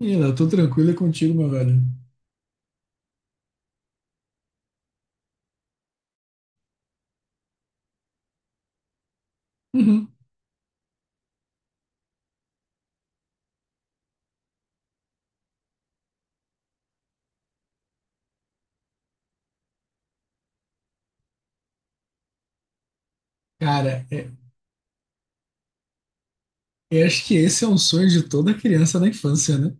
Ih, Léo, tô tranquilo é contigo, meu velho. Uhum. Cara, eu acho que esse é um sonho de toda criança na infância, né?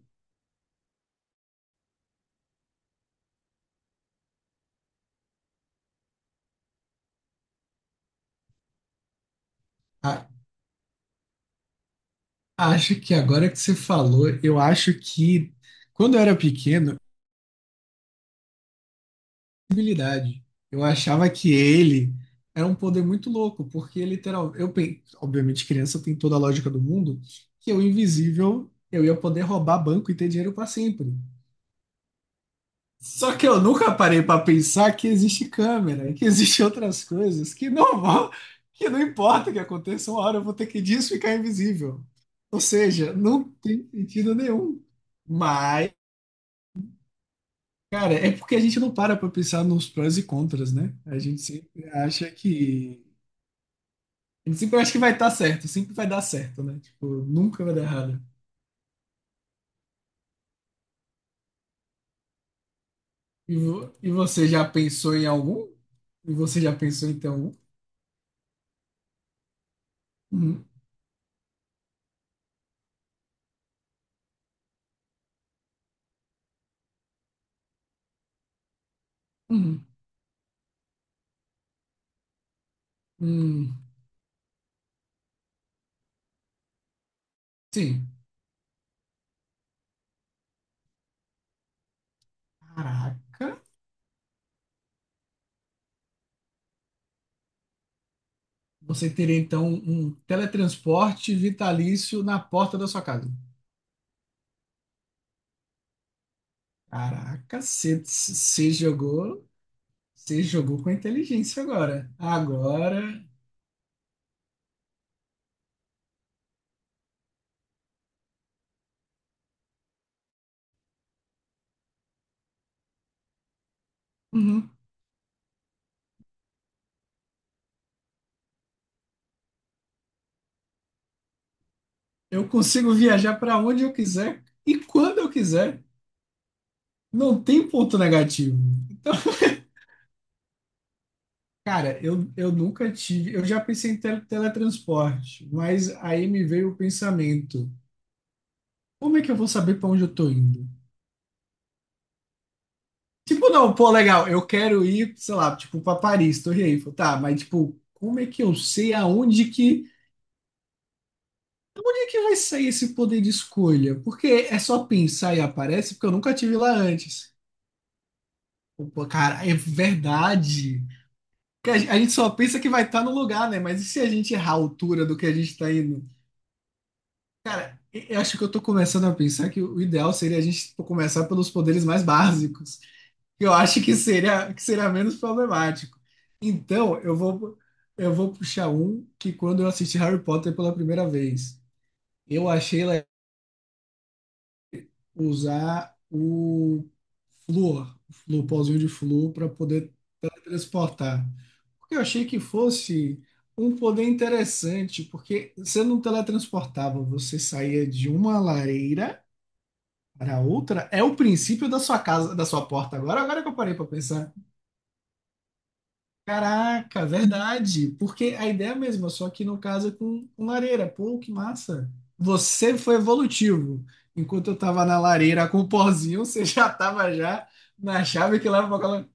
A- Acho que agora que você falou, eu acho que quando eu era pequeno, habilidade. Eu achava que ele era um poder muito louco, porque literal, eu, obviamente, criança tem toda a lógica do mundo, que eu invisível, eu ia poder roubar banco e ter dinheiro pra sempre. Só que eu nunca parei para pensar que existe câmera, que existe outras coisas que não vão, que não importa o que aconteça, uma hora eu vou ter que disso ficar invisível. Ou seja, não tem sentido nenhum. Mas, cara, é porque a gente não para para pensar nos prós e contras, né? A gente sempre acha que a gente sempre acha que vai estar certo, sempre vai dar certo, né? Tipo, nunca vai dar errado. E, e você já pensou em algum? E você já pensou em ter algum? Uhum, uhum, hum, sim. Caraca. Você teria então um teletransporte vitalício na porta da sua casa. Caraca, você jogou com inteligência agora. Agora, uhum, eu consigo viajar para onde eu quiser e quando eu quiser. Não tem ponto negativo. Então, cara, eu nunca tive. Eu já pensei em teletransporte, mas aí me veio o pensamento: como é que eu vou saber para onde eu tô indo? Tipo, não, pô, legal, eu quero ir, sei lá, tipo, pra Paris, Torre Eiffel, tá, mas tipo, como é que eu sei aonde que, como é que vai sair esse poder de escolha? Porque é só pensar e aparece, porque eu nunca tive lá antes. Pô, cara, é verdade. Porque a gente só pensa que vai estar no lugar, né? Mas e se a gente errar a altura do que a gente tá indo? Cara, eu acho que eu tô começando a pensar que o ideal seria a gente tipo, começar pelos poderes mais básicos. Que eu acho que seria menos problemático. Então, eu vou puxar um que quando eu assisti Harry Potter pela primeira vez, eu achei legal usar o flúor, o pozinho de flúor, para poder transportar. Porque eu achei que fosse um poder interessante, porque você não teletransportava, você saía de uma lareira para outra. É o princípio da sua casa, da sua porta agora, agora que eu parei para pensar. Caraca, verdade. Porque a ideia é a mesma, só que no caso é com lareira. Pô, que massa. Você foi evolutivo. Enquanto eu tava na lareira com o pozinho, você já tava já na chave que leva pra aquela.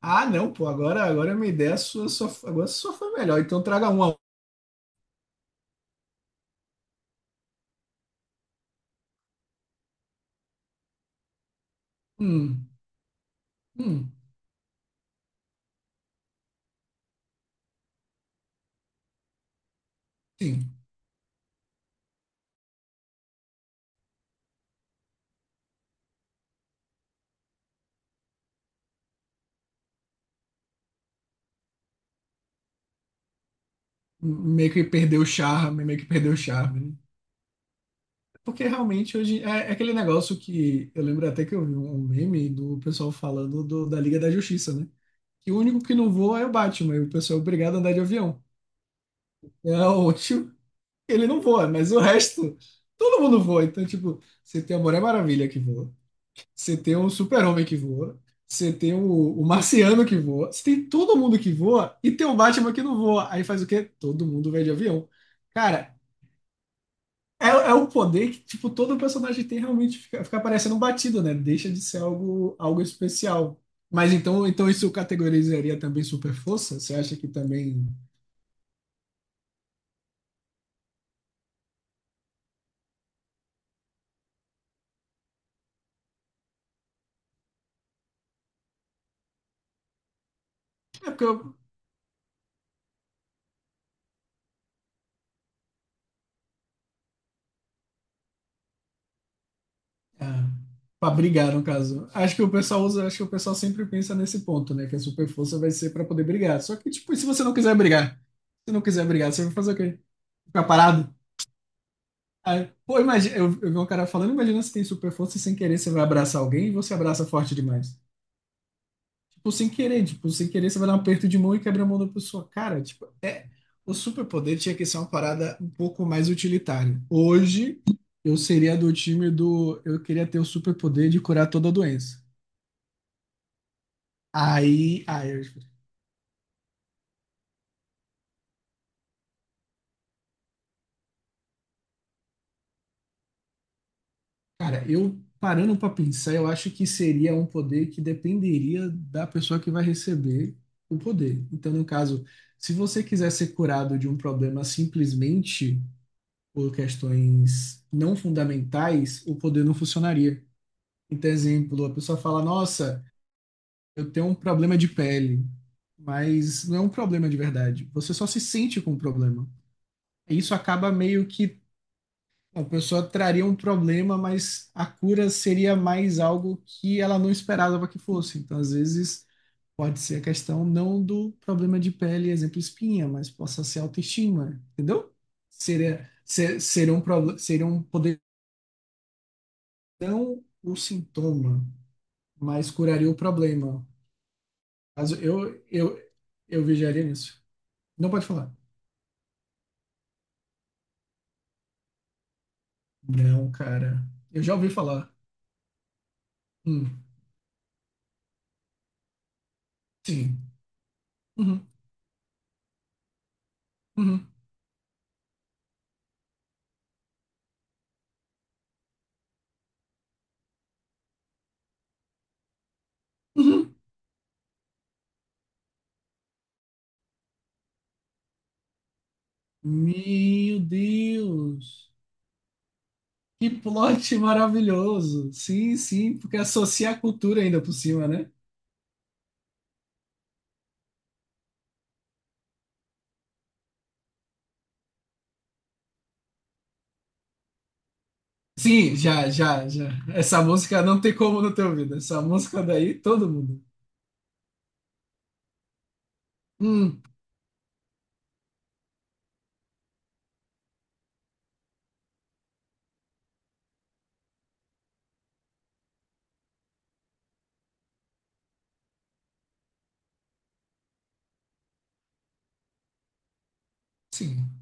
Ah, não, pô, agora a minha ideia sua, só, agora só foi melhor. Então traga uma. Hum, hum, sim. Meio que perdeu o charme, né? Porque realmente hoje é, é aquele negócio que eu lembro até que eu vi um meme do pessoal falando da Liga da Justiça, né? E o único que não voa é o Batman. E o pessoal é obrigado a andar de avião. É o único. Ele não voa, mas o resto, todo mundo voa. Então, tipo, você tem a Mulher Maravilha que voa. Você tem o Super-Homem que voa. Você tem o, o Marciano que voa. Você tem todo mundo que voa. E tem o Batman que não voa. Aí faz o quê? Todo mundo vai de avião. Cara, é o poder que, tipo, todo personagem tem realmente. Fica parecendo um batido, né? Deixa de ser algo, algo especial. Mas então, então isso categorizaria também super força? Você acha que também É porque eu... É, pra brigar, no caso. Acho que o pessoal sempre pensa nesse ponto, né? Que a super força vai ser pra poder brigar. Só que, tipo, e se você não quiser brigar? Se não quiser brigar, você vai fazer o quê? Ficar parado? Aí, pô, imagina, eu vi um cara falando, imagina se tem super força e sem querer você vai abraçar alguém e você abraça forte demais. Tipo, sem querer você vai dar um aperto de mão e quebra a mão da pessoa. Cara, tipo, é. O superpoder tinha que ser uma parada um pouco mais utilitária. Hoje, eu seria do time do. Eu queria ter o superpoder de curar toda a doença. Tipo, cara, eu parando pra pensar, eu acho que seria um poder que dependeria da pessoa que vai receber o poder. Então, no caso, se você quiser ser curado de um problema simplesmente por questões não fundamentais, o poder não funcionaria. Então, exemplo, a pessoa fala: Nossa, eu tenho um problema de pele, mas não é um problema de verdade. Você só se sente com o problema. E Isso acaba meio que a pessoa traria um problema, mas a cura seria mais algo que ela não esperava que fosse. Então, às vezes, pode ser a questão não do problema de pele, exemplo, espinha, mas possa ser autoestima, entendeu? Seria um, seria um poder, um sintoma, mas curaria o problema. caso, eu, eu, eu viajaria nisso. Não pode falar. Não, cara. Eu já ouvi falar. Hum, sim. Uhum, uhum, uhum. Meu Deus! Que plot maravilhoso! Sim, sim, porque associa a cultura ainda por cima, né? Sim, já, já, já. Essa música não tem como não ter ouvido. Essa música daí, todo mundo. Hum, sim.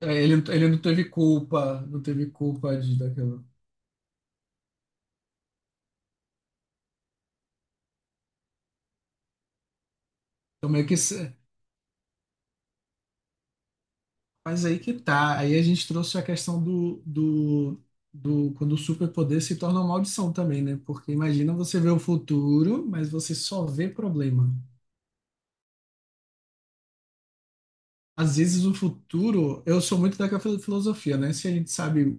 É, ele não teve culpa, não teve culpa de, daquilo. Então, meio que. Mas aí que tá. Aí a gente trouxe a questão do quando o superpoder se torna uma maldição também, né? Porque imagina você ver o futuro, mas você só vê problema. Às vezes o futuro, eu sou muito daquela filosofia, né? Se a gente sabe o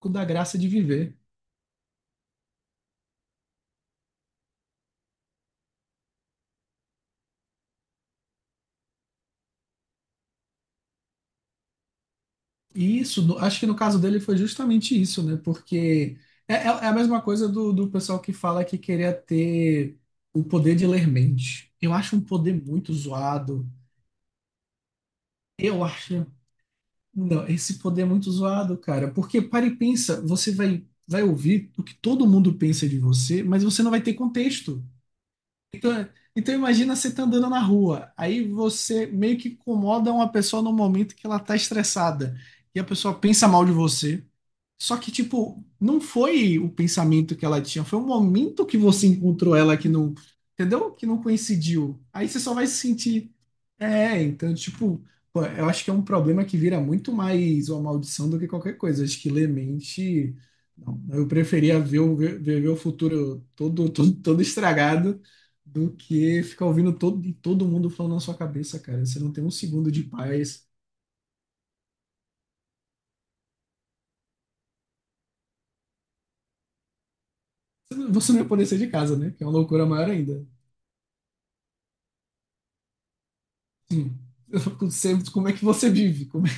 pouco da graça de viver. E isso, acho que no caso dele foi justamente isso, né? Porque é a mesma coisa do pessoal que fala que queria ter o poder de ler mente. Eu acho um poder muito zoado. Eu acho. Não, esse poder é muito zoado, cara. Porque para e pensa, vai ouvir o que todo mundo pensa de você, mas você não vai ter contexto. Então, então imagina você tá andando na rua, aí você meio que incomoda uma pessoa no momento que ela tá estressada e a pessoa pensa mal de você. Só que, tipo, não foi o pensamento que ela tinha, foi o momento que você encontrou ela que não, entendeu? Que não coincidiu. Aí você só vai se sentir. É, então, tipo, pô, eu acho que é um problema que vira muito mais uma maldição do que qualquer coisa. Acho que ler mente. Não. Eu preferia ver o futuro todo estragado do que ficar ouvindo todo mundo falando na sua cabeça, cara. Você não tem um segundo de paz. Você não ia poder sair de casa, né? Que é uma loucura maior ainda. Sim. Eu fico sempre, como é que você vive?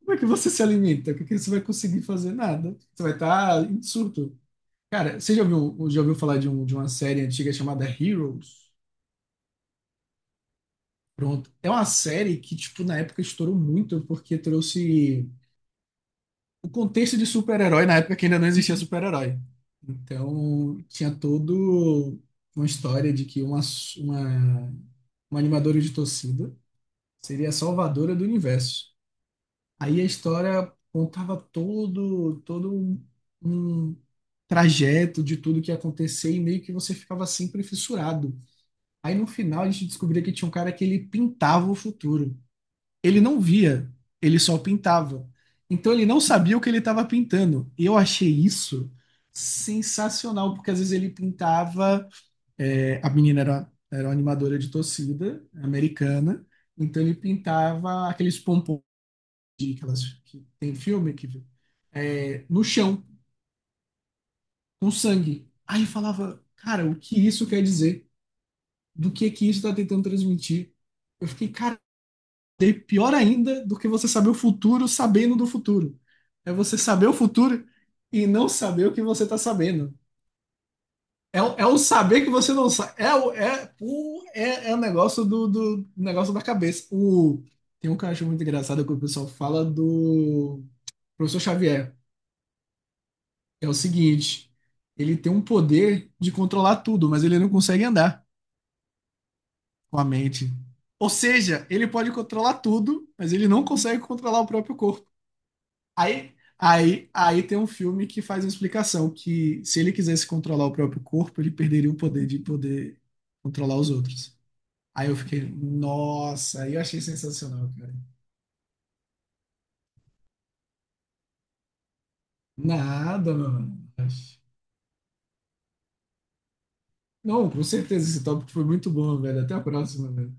Como é que você se alimenta? O que que você vai conseguir fazer? Nada. Você vai estar em surto. Cara, já ouviu falar de, um, de uma série antiga chamada Heroes? Pronto. É uma série que, tipo, na época estourou muito porque trouxe o contexto de super-herói na época que ainda não existia super-herói. Então, tinha todo uma história de que uma, uma animadora de torcida seria a salvadora do universo. Aí a história contava todo um trajeto de tudo que ia acontecer e meio que você ficava sempre fissurado. Aí no final a gente descobria que tinha um cara que ele pintava o futuro. Ele não via, ele só pintava. Então ele não sabia o que ele estava pintando. E eu achei isso sensacional, porque às vezes ele pintava. É, a menina era uma animadora de torcida americana, então ele pintava aqueles pompons que tem filme que é, no chão, com sangue. Aí eu falava, cara, o que isso quer dizer? Do que isso está tentando transmitir? Eu fiquei, Daí pior ainda do que você saber o futuro sabendo do futuro. É você saber o futuro e não saber o que você está sabendo. É, é o saber que você não sabe. É o é, pô, é, é o negócio do negócio da cabeça. O, tem um que eu acho muito engraçado que o pessoal fala do professor Xavier. É o seguinte, ele tem um poder de controlar tudo, mas ele não consegue andar com a mente. Ou seja, ele pode controlar tudo, mas ele não consegue controlar o próprio corpo. Aí tem um filme que faz uma explicação que se ele quisesse controlar o próprio corpo, ele perderia o poder de poder controlar os outros. Aí eu fiquei, nossa, aí eu achei sensacional, cara. Nada, mano. Não, com certeza esse tópico foi muito bom, velho. Até a próxima, velho.